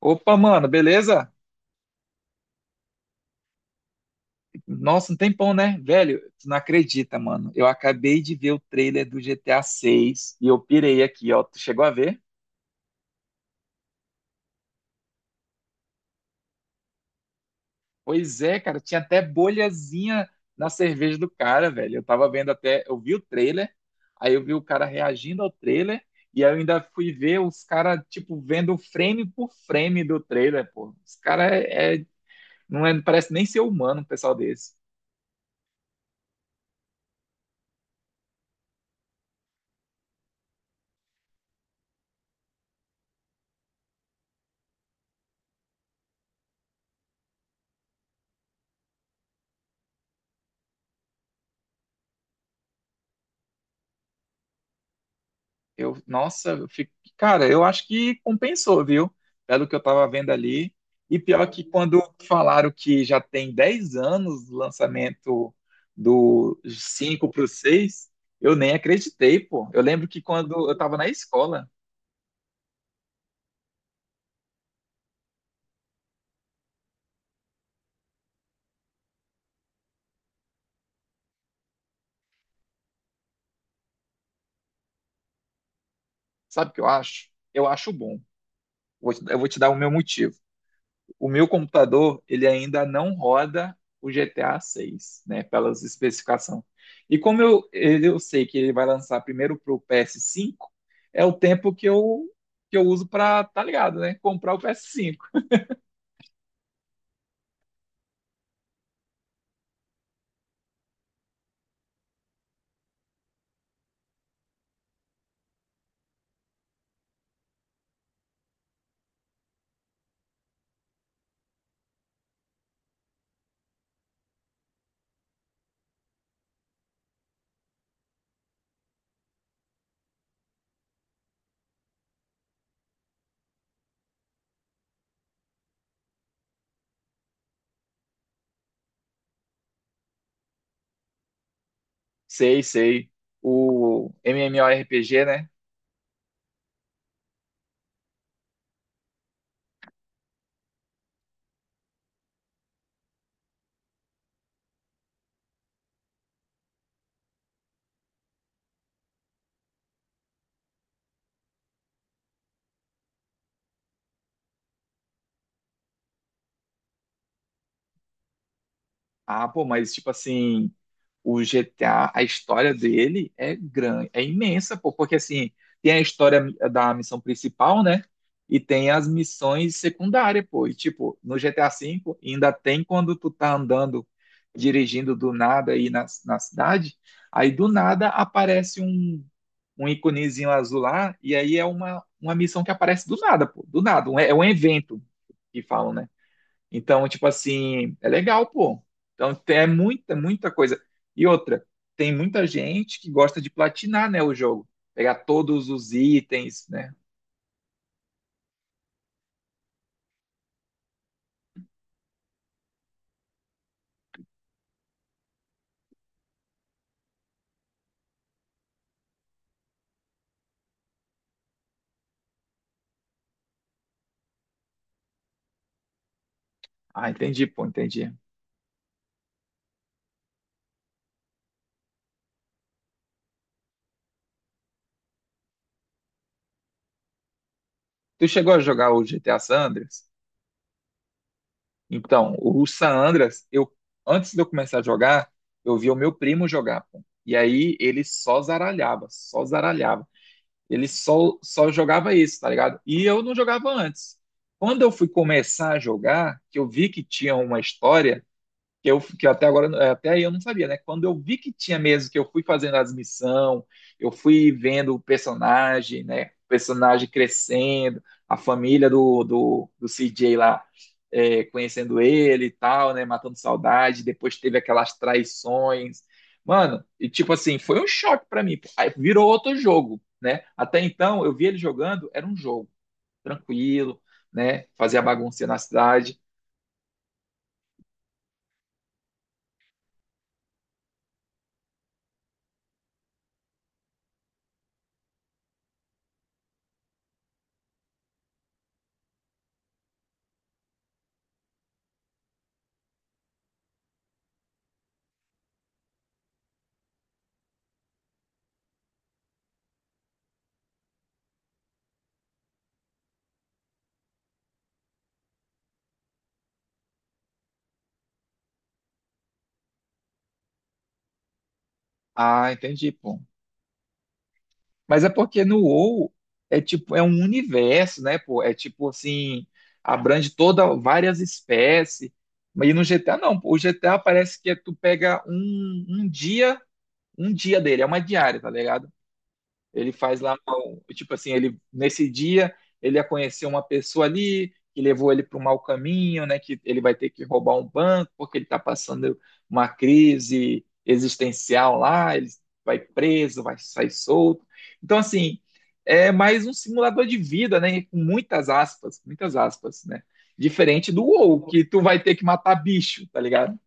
Opa, mano, beleza? Nossa, um tempão, né? Velho, tu não acredita, mano. Eu acabei de ver o trailer do GTA 6 e eu pirei aqui, ó. Tu chegou a ver? Pois é, cara, tinha até bolhazinha na cerveja do cara, velho. Eu tava vendo até, eu vi o trailer, aí eu vi o cara reagindo ao trailer e aí eu ainda fui ver os caras, tipo, vendo frame por frame do trailer, pô. Os caras não é, parece nem ser humano, um pessoal desse. Eu, nossa, eu fico, cara, eu acho que compensou, viu? Pelo que eu tava vendo ali. E pior que quando falaram que já tem 10 anos o lançamento do 5 para o 6 eu nem acreditei, pô. Eu lembro que quando eu tava na escola, sabe o que eu acho? Eu acho bom. Eu vou te dar o meu motivo. O meu computador, ele ainda não roda o GTA 6, né, pelas especificações. Eu sei que ele vai lançar primeiro para o PS5, é o tempo que eu uso para, tá ligado, né, comprar o PS5. Sei, sei. O MMORPG, né? Ah, pô, mas tipo assim, o GTA, a história dele é grande, é imensa, pô, porque assim, tem a história da missão principal, né? E tem as missões secundárias, pô. E tipo, no GTA V ainda tem quando tu tá andando, dirigindo do nada aí na cidade, aí do nada aparece um iconezinho azul lá, e aí é uma missão que aparece do nada, pô, do nada, é um evento que falam, né? Então, tipo assim, é legal, pô. Então, é muita, muita coisa. E outra, tem muita gente que gosta de platinar, né, o jogo. Pegar todos os itens, né? Ah, entendi, pô, entendi. Tu chegou a jogar o GTA San Andreas? Então, o San Andreas, eu, antes de eu começar a jogar, eu vi o meu primo jogar, pô. E aí ele só zaralhava, só zaralhava. Ele só jogava isso, tá ligado? E eu não jogava antes. Quando eu fui começar a jogar, que eu vi que tinha uma história, que até agora é, até aí eu não sabia, né? Quando eu vi que tinha mesmo, que eu fui fazendo as missões, eu fui vendo o personagem, né? O personagem crescendo, a família do CJ lá é, conhecendo ele e tal, né? Matando saudade, depois teve aquelas traições. Mano, e tipo assim, foi um choque para mim. Aí virou outro jogo, né? Até então eu vi ele jogando, era um jogo tranquilo, né? Fazia bagunça na cidade. Ah, entendi, pô. Mas é porque no WoW é tipo, é um universo, né, pô? É tipo assim, abrange toda várias espécies. Mas e no GTA não, pô. O GTA parece que é tu pega um dia dele, é uma diária, tá ligado? Ele faz lá, tipo assim, ele nesse dia ele ia conhecer uma pessoa ali que levou ele para o mau caminho, né? Que ele vai ter que roubar um banco porque ele está passando uma crise existencial lá. Ele vai preso, vai sair solto. Então assim, é mais um simulador de vida, né? Com muitas aspas, né? Diferente do WoW, que tu vai ter que matar bicho, tá ligado?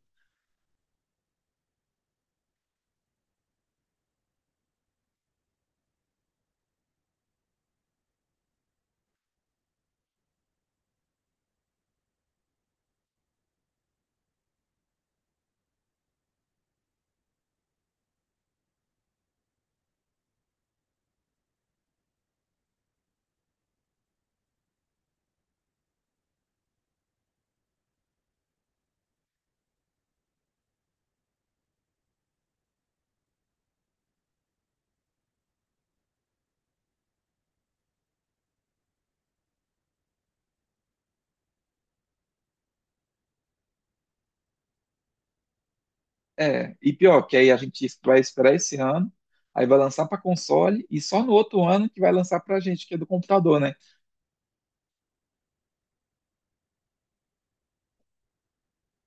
É, e pior, que aí a gente vai esperar esse ano, aí vai lançar para console e só no outro ano que vai lançar para gente, que é do computador, né?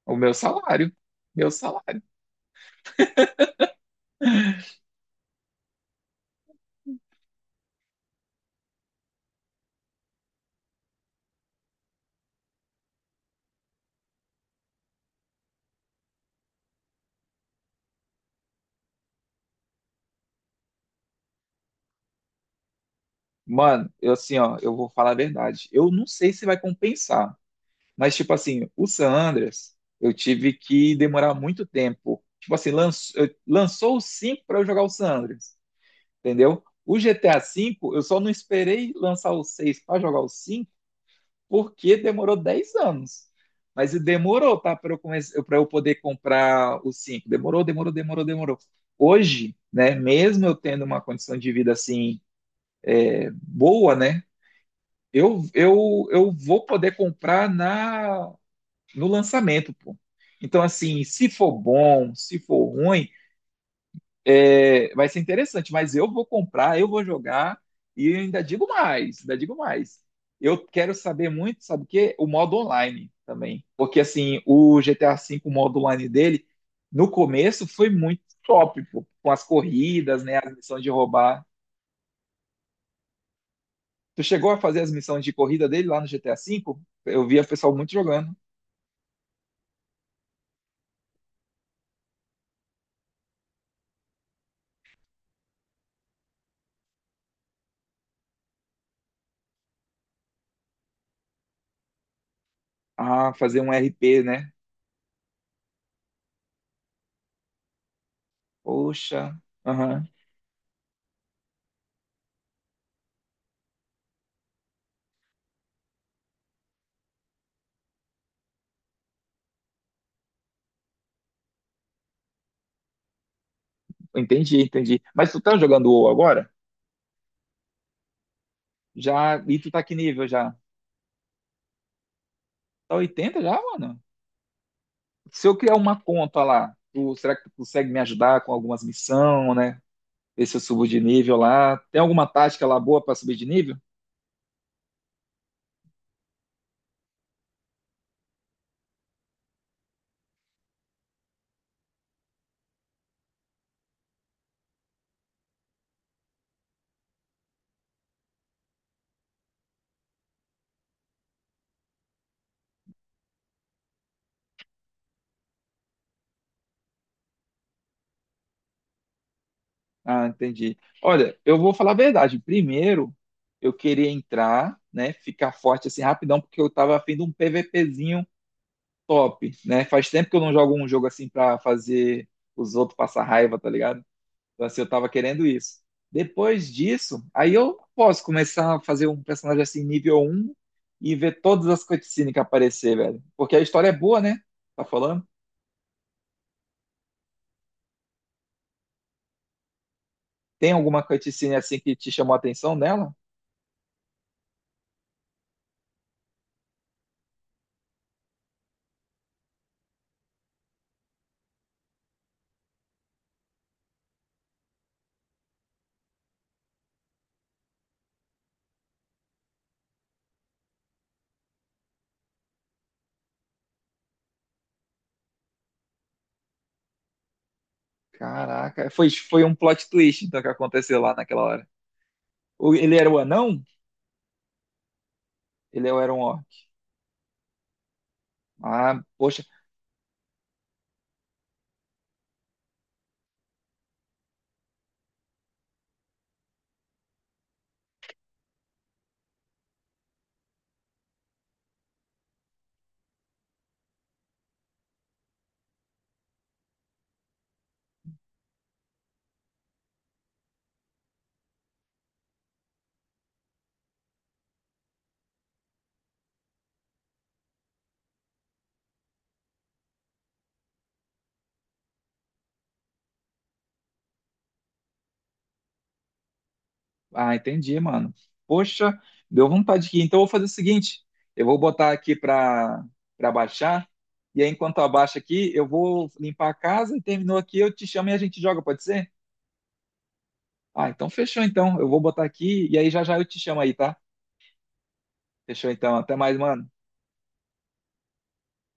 O meu salário, meu salário. Mano, eu assim, ó, eu vou falar a verdade. Eu não sei se vai compensar, mas tipo assim, o San Andreas, eu tive que demorar muito tempo. Tipo assim, lançou o 5 para eu jogar o San Andreas, entendeu? O GTA V, eu só não esperei lançar o 6 para jogar o cinco, porque demorou 10 anos. Mas e demorou, tá? Pra eu poder comprar os cinco. Demorou, demorou, demorou, demorou. Hoje, né, mesmo eu tendo uma condição de vida assim boa, né? Eu vou poder comprar na no lançamento, pô. Então, assim, se for bom, se for ruim, é, vai ser interessante, mas eu vou comprar, eu vou jogar e ainda digo mais, ainda digo mais. Eu quero saber muito, sabe o quê? O modo online também. Porque assim, o GTA V, o modo online dele, no começo foi muito top, pô, com as corridas, né, as missões de roubar. Tu chegou a fazer as missões de corrida dele lá no GTA V? Eu via o pessoal muito jogando. Ah, fazer um RP, né? Poxa, aham, entendi, entendi. Mas tu tá jogando o WoW agora? Já, e tu tá que nível já? Tá 80 já, mano? Se eu criar uma conta lá, será que tu consegue me ajudar com algumas missões, né? Ver se eu subo de nível lá. Tem alguma tática lá boa para subir de nível? Ah, entendi. Olha, eu vou falar a verdade. Primeiro, eu queria entrar, né? Ficar forte assim rapidão, porque eu tava afim de um PVPzinho top, né? Faz tempo que eu não jogo um jogo assim pra fazer os outros passar raiva, tá ligado? Então, assim, eu tava querendo isso. Depois disso, aí eu posso começar a fazer um personagem assim, nível um e ver todas as cutscenes que aparecer, velho. Porque a história é boa, né? Tá falando? Tem alguma cutscene assim que te chamou a atenção nela? Caraca, foi um plot twist então que aconteceu lá naquela hora. Ele era o anão? Ele era um orc. Ah, poxa, ah, entendi, mano. Poxa, deu vontade aqui. Então eu vou fazer o seguinte, eu vou botar aqui para baixar e aí enquanto abaixa aqui, eu vou limpar a casa e terminou aqui, eu te chamo e a gente joga, pode ser? Ah, então fechou então. Eu vou botar aqui e aí já já eu te chamo aí, tá? Fechou então. Até mais, mano.